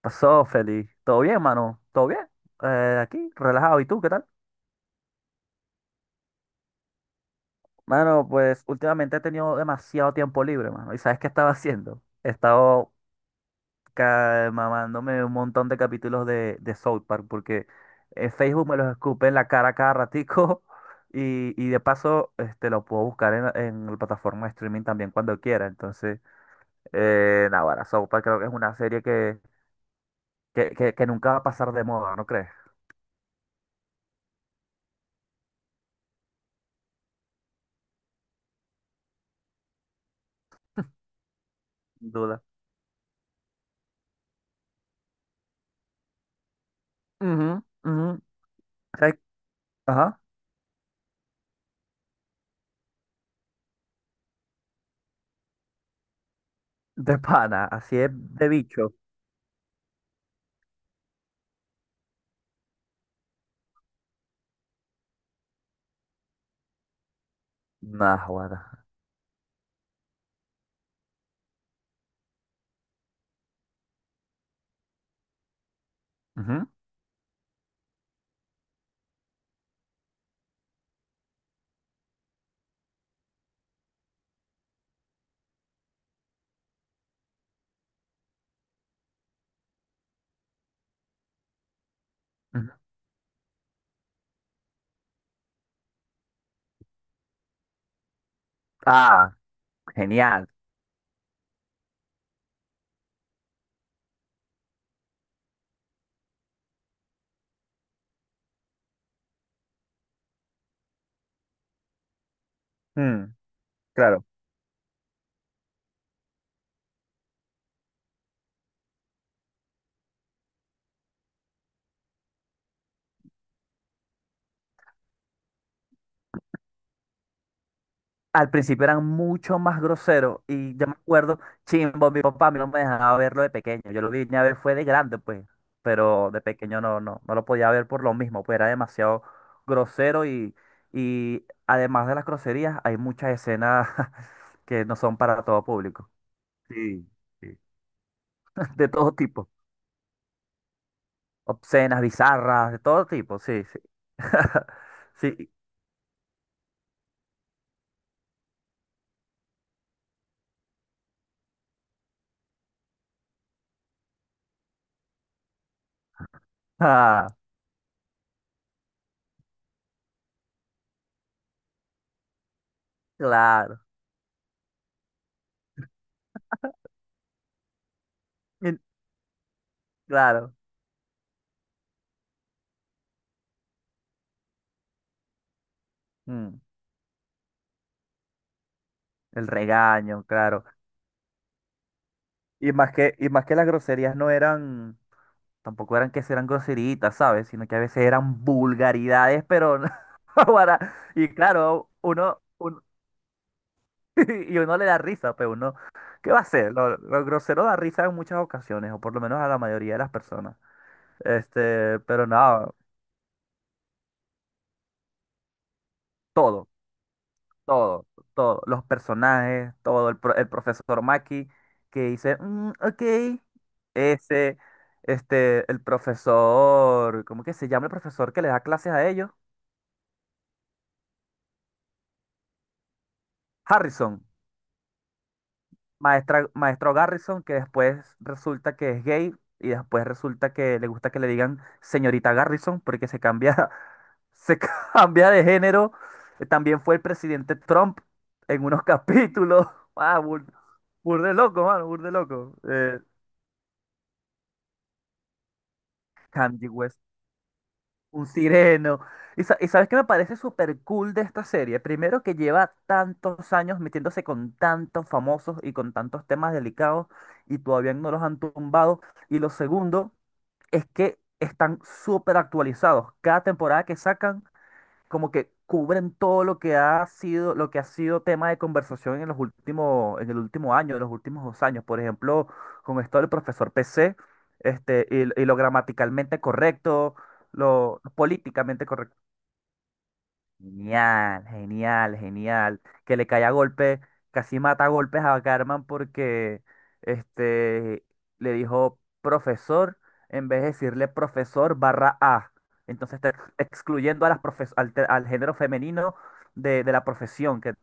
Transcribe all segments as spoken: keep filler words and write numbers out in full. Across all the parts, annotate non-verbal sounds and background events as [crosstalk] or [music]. Pasó, Feli. ¿Todo bien, mano? ¿Todo bien? Eh, aquí, relajado. ¿Y tú, qué tal? Mano, pues últimamente he tenido demasiado tiempo libre, mano. ¿Y sabes qué estaba [laughs] haciendo? He estado ca- mamándome un montón de capítulos de, de South Park porque en Facebook me los escupe en la cara cada ratico [laughs] y, y de paso este, lo puedo buscar en, en la plataforma de streaming también cuando quiera. Entonces, eh, nada, ahora South Park creo que es una serie que, que, que, que nunca va a pasar de moda, ¿no crees? Sin duda. Ujú, ujú. ¿Sabes? Ajá. De pana, así es de bicho. Nah, guara. Ujú, ujú. Ah, genial. Mm, claro. Al principio eran mucho más groseros y yo me acuerdo, chimbo, mi papá a mí no me dejaba verlo de pequeño. Yo lo vine a ver fue de grande, pues, pero de pequeño no, no, no lo podía ver por lo mismo, pues era demasiado grosero y, y además de las groserías, hay muchas escenas [laughs] que no son para todo público. Sí, sí. [laughs] De todo tipo. Obscenas, bizarras, de todo tipo, sí, sí. [laughs] Sí. Ah, claro. Y- Claro. Mm, el regaño, claro. Y más que, y más que las groserías no eran, tampoco eran que eran groseritas, ¿sabes? Sino que a veces eran vulgaridades, pero no- [laughs] para- y claro, uno, uno- [laughs] y uno le da risa, pero uno, ¿qué va a hacer? Lo, lo grosero da risa en muchas ocasiones, o por lo menos a la mayoría de las personas. Este, pero no, todo. Todo, todo, los personajes, todo, el, pro- el profesor Maki que dice, "Mm, ok, ese, este, el profesor, ¿cómo que se llama el profesor que le da clases a ellos? Harrison, maestra, maestro Garrison, que después resulta que es gay y después resulta que le gusta que le digan señorita Garrison porque se cambia, [laughs] se cambia de género. También fue el presidente Trump en unos capítulos. [laughs] Ah, bur- burde loco, mano, burde loco. Eh, Kanye West, un sireno. Y, sa- y sabes qué me parece súper cool de esta serie. Primero que lleva tantos años metiéndose con tantos famosos y con tantos temas delicados y todavía no los han tumbado. Y lo segundo es que están súper actualizados. Cada temporada que sacan como que cubren todo lo que ha sido, lo que ha sido tema de conversación en los últimos, en el último año, en los últimos dos años. Por ejemplo, con esto del profesor P C, este, y, y lo gramaticalmente correcto, lo políticamente correcto. Genial, genial, genial. Que le caía a golpe, casi mata a golpes a Carmen porque este, le dijo profesor en vez de decirle profesor barra A. Entonces está ex- excluyendo a las profes- al, te- al género femenino de, de la profesión. ¿Qué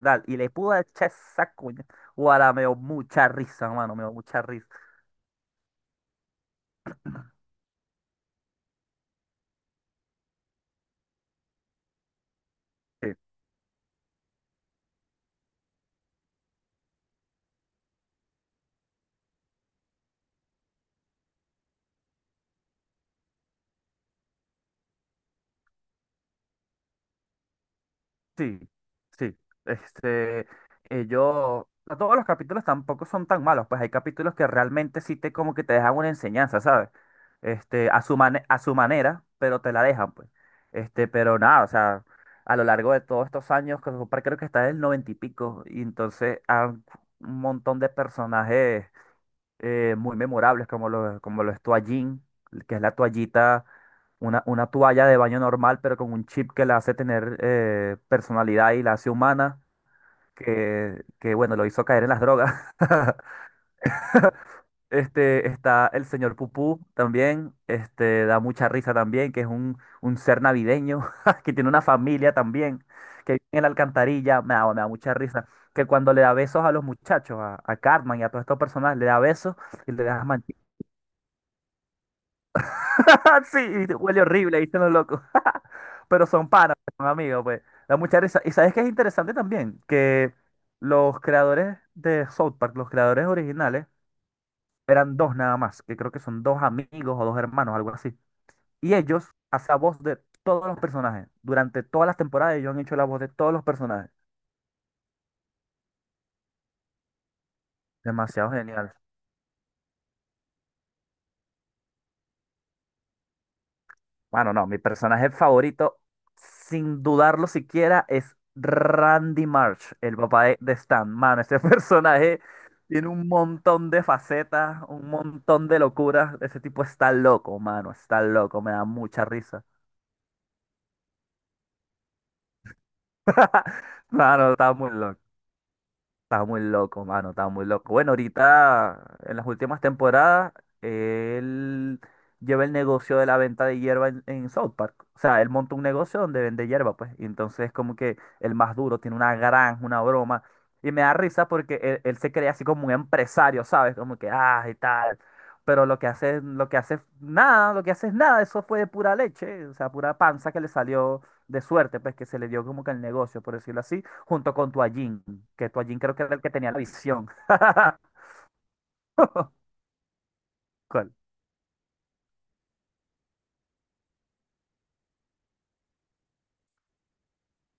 tal? Y le pudo echar esa cuña. Guara, me dio mucha risa, mano, me dio mucha risa. Sí. Sí, sí. Este, ellos, no todos los capítulos tampoco son tan malos, pues hay capítulos que realmente sí te como que te dejan una enseñanza, ¿sabes? Este, a su mane- a su manera, pero te la dejan, pues. Este, pero nada, o sea, a lo largo de todos estos años, que South creo que está en el noventa y pico, y entonces hay un montón de personajes eh, muy memorables como lo, como lo es Toallín, que es la toallita, una, una toalla de baño normal, pero con un chip que la hace tener eh, personalidad y la hace humana, que, que bueno, lo hizo caer en las drogas. [laughs] Este, está el señor Pupú también, este, da mucha risa también, que es un, un ser navideño, [laughs] que tiene una familia también, que vive en la alcantarilla, me da, me da mucha risa, que cuando le da besos a los muchachos, a, a Cartman y a todos estos personajes, le da besos y le da manchitas. [laughs] Sí, y huele horrible, ahí están los locos. [laughs] Pero son panas, pues, son amigos, pues. Da mucha risa. Y sabes que es interesante también que los creadores de South Park, los creadores originales, eran dos nada más, que creo que son dos amigos o dos hermanos, algo así. Y ellos hacían voz de todos los personajes. Durante todas las temporadas ellos han hecho la voz de todos los personajes. Demasiado genial. Bueno, no, mi personaje favorito, sin dudarlo siquiera, es Randy Marsh, el papá de, de Stan. Mano, ese [laughs] personaje tiene un montón de facetas, un montón de locuras. Ese tipo está loco, mano, está loco, me da mucha risa. [laughs] Mano, está muy loco. Estaba muy loco, mano, estaba muy loco. Bueno, ahorita, en las últimas temporadas, él lleva el negocio de la venta de hierba en, en South Park. O sea, él monta un negocio donde vende hierba, pues. Y entonces, como que el más duro tiene una granja, una broma. Y me da risa porque él, él se cree así como un empresario, ¿sabes? Como que, ah, y tal. Pero lo que hace, lo que hace, es nada, lo que hace es nada. Eso fue de pura leche, o sea, pura panza que le salió de suerte, pues, que se le dio como que el negocio, por decirlo así junto con Toallín, que Toallín creo que era el que tenía la visión. [laughs] ¿Cuál?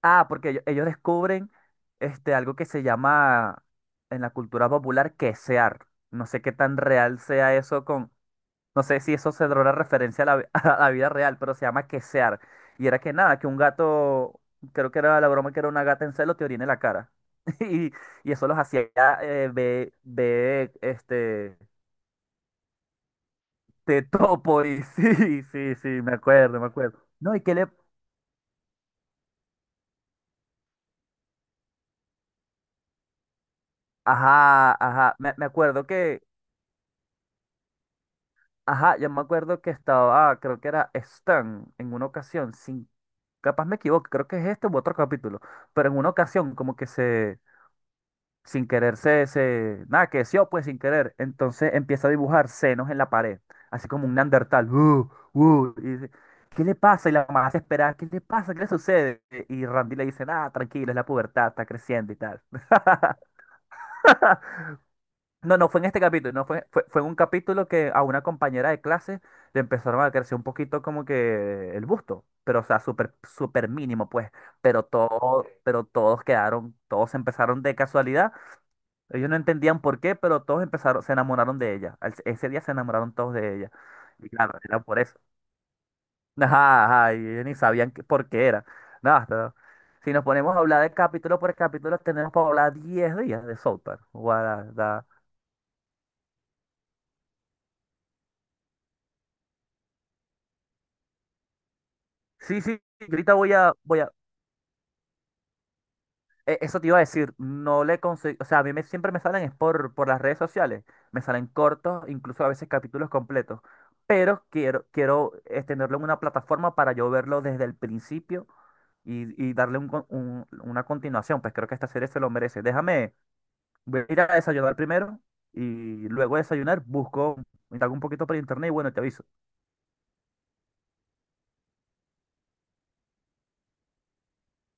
Ah, porque ello- ellos descubren este, algo que se llama en la cultura popular quesear. No sé qué tan real sea eso con... No sé si eso se dará una referencia a la, vi- [laughs] a la vida real, pero se llama quesear. Y era que nada, que un gato, creo que era la broma que era una gata en celo, te orina en la cara. [laughs] Y, y eso los hacía eh, ve- ve, este, te topo y [laughs] sí, sí, sí, me acuerdo, me acuerdo. No, y que le... Ajá, ajá, me, me acuerdo que... Ajá, yo me acuerdo que estaba, ah, creo que era Stan en una ocasión, sin... Capaz me equivoco, creo que es este u otro capítulo, pero en una ocasión como que se... Sin querer se... se nada, que sí, pues sin querer. Entonces empieza a dibujar senos en la pared, así como un neandertal. Uh, uh, y dice, ¿qué le pasa? Y la mamá se espera, ¿qué le pasa? ¿Qué le sucede? Y Randy le dice, nada, tranquilo, es la pubertad, está creciendo y tal. [laughs] No, no fue en este capítulo, no fue, fue, fue en un capítulo que a una compañera de clase le empezaron a crecer un poquito como que el busto, pero o sea, súper, súper mínimo, pues, pero todo, pero todos quedaron, todos empezaron de casualidad, ellos no entendían por qué, pero todos empezaron, se enamoraron de ella, al- ese día se enamoraron todos de ella, y claro, era por eso, [laughs] ajá, ajá, y ellos ni sabían qué- por qué era, nada, pero si nos ponemos a hablar de capítulo por capítulo, tenemos para hablar diez días de South Park, Guarda. Sí, sí, yo ahorita voy a, voy a, e- eso te iba a decir, no le conseguí, o sea, a mí me, siempre me salen es por, por las redes sociales, me salen cortos, incluso a veces capítulos completos, pero quiero, quiero eh, tenerlo en una plataforma para yo verlo desde el principio y, y darle un con- un- una continuación, pues creo que esta serie se lo merece. Déjame, voy a ir a desayunar primero y luego de desayunar busco, indago un poquito por internet y bueno, te aviso.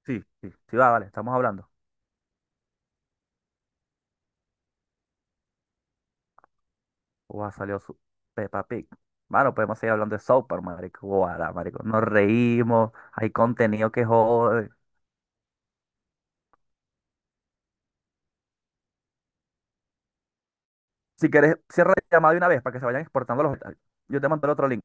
Sí, sí, sí, va, vale, estamos hablando. Guau, salió su Peppa Pig. Mano, podemos seguir hablando de South Park, marico. Guara, marico. Nos reímos, hay contenido que jode. Si quieres, cierra la llamada de una vez para que se vayan exportando los... Yo te mando el otro link.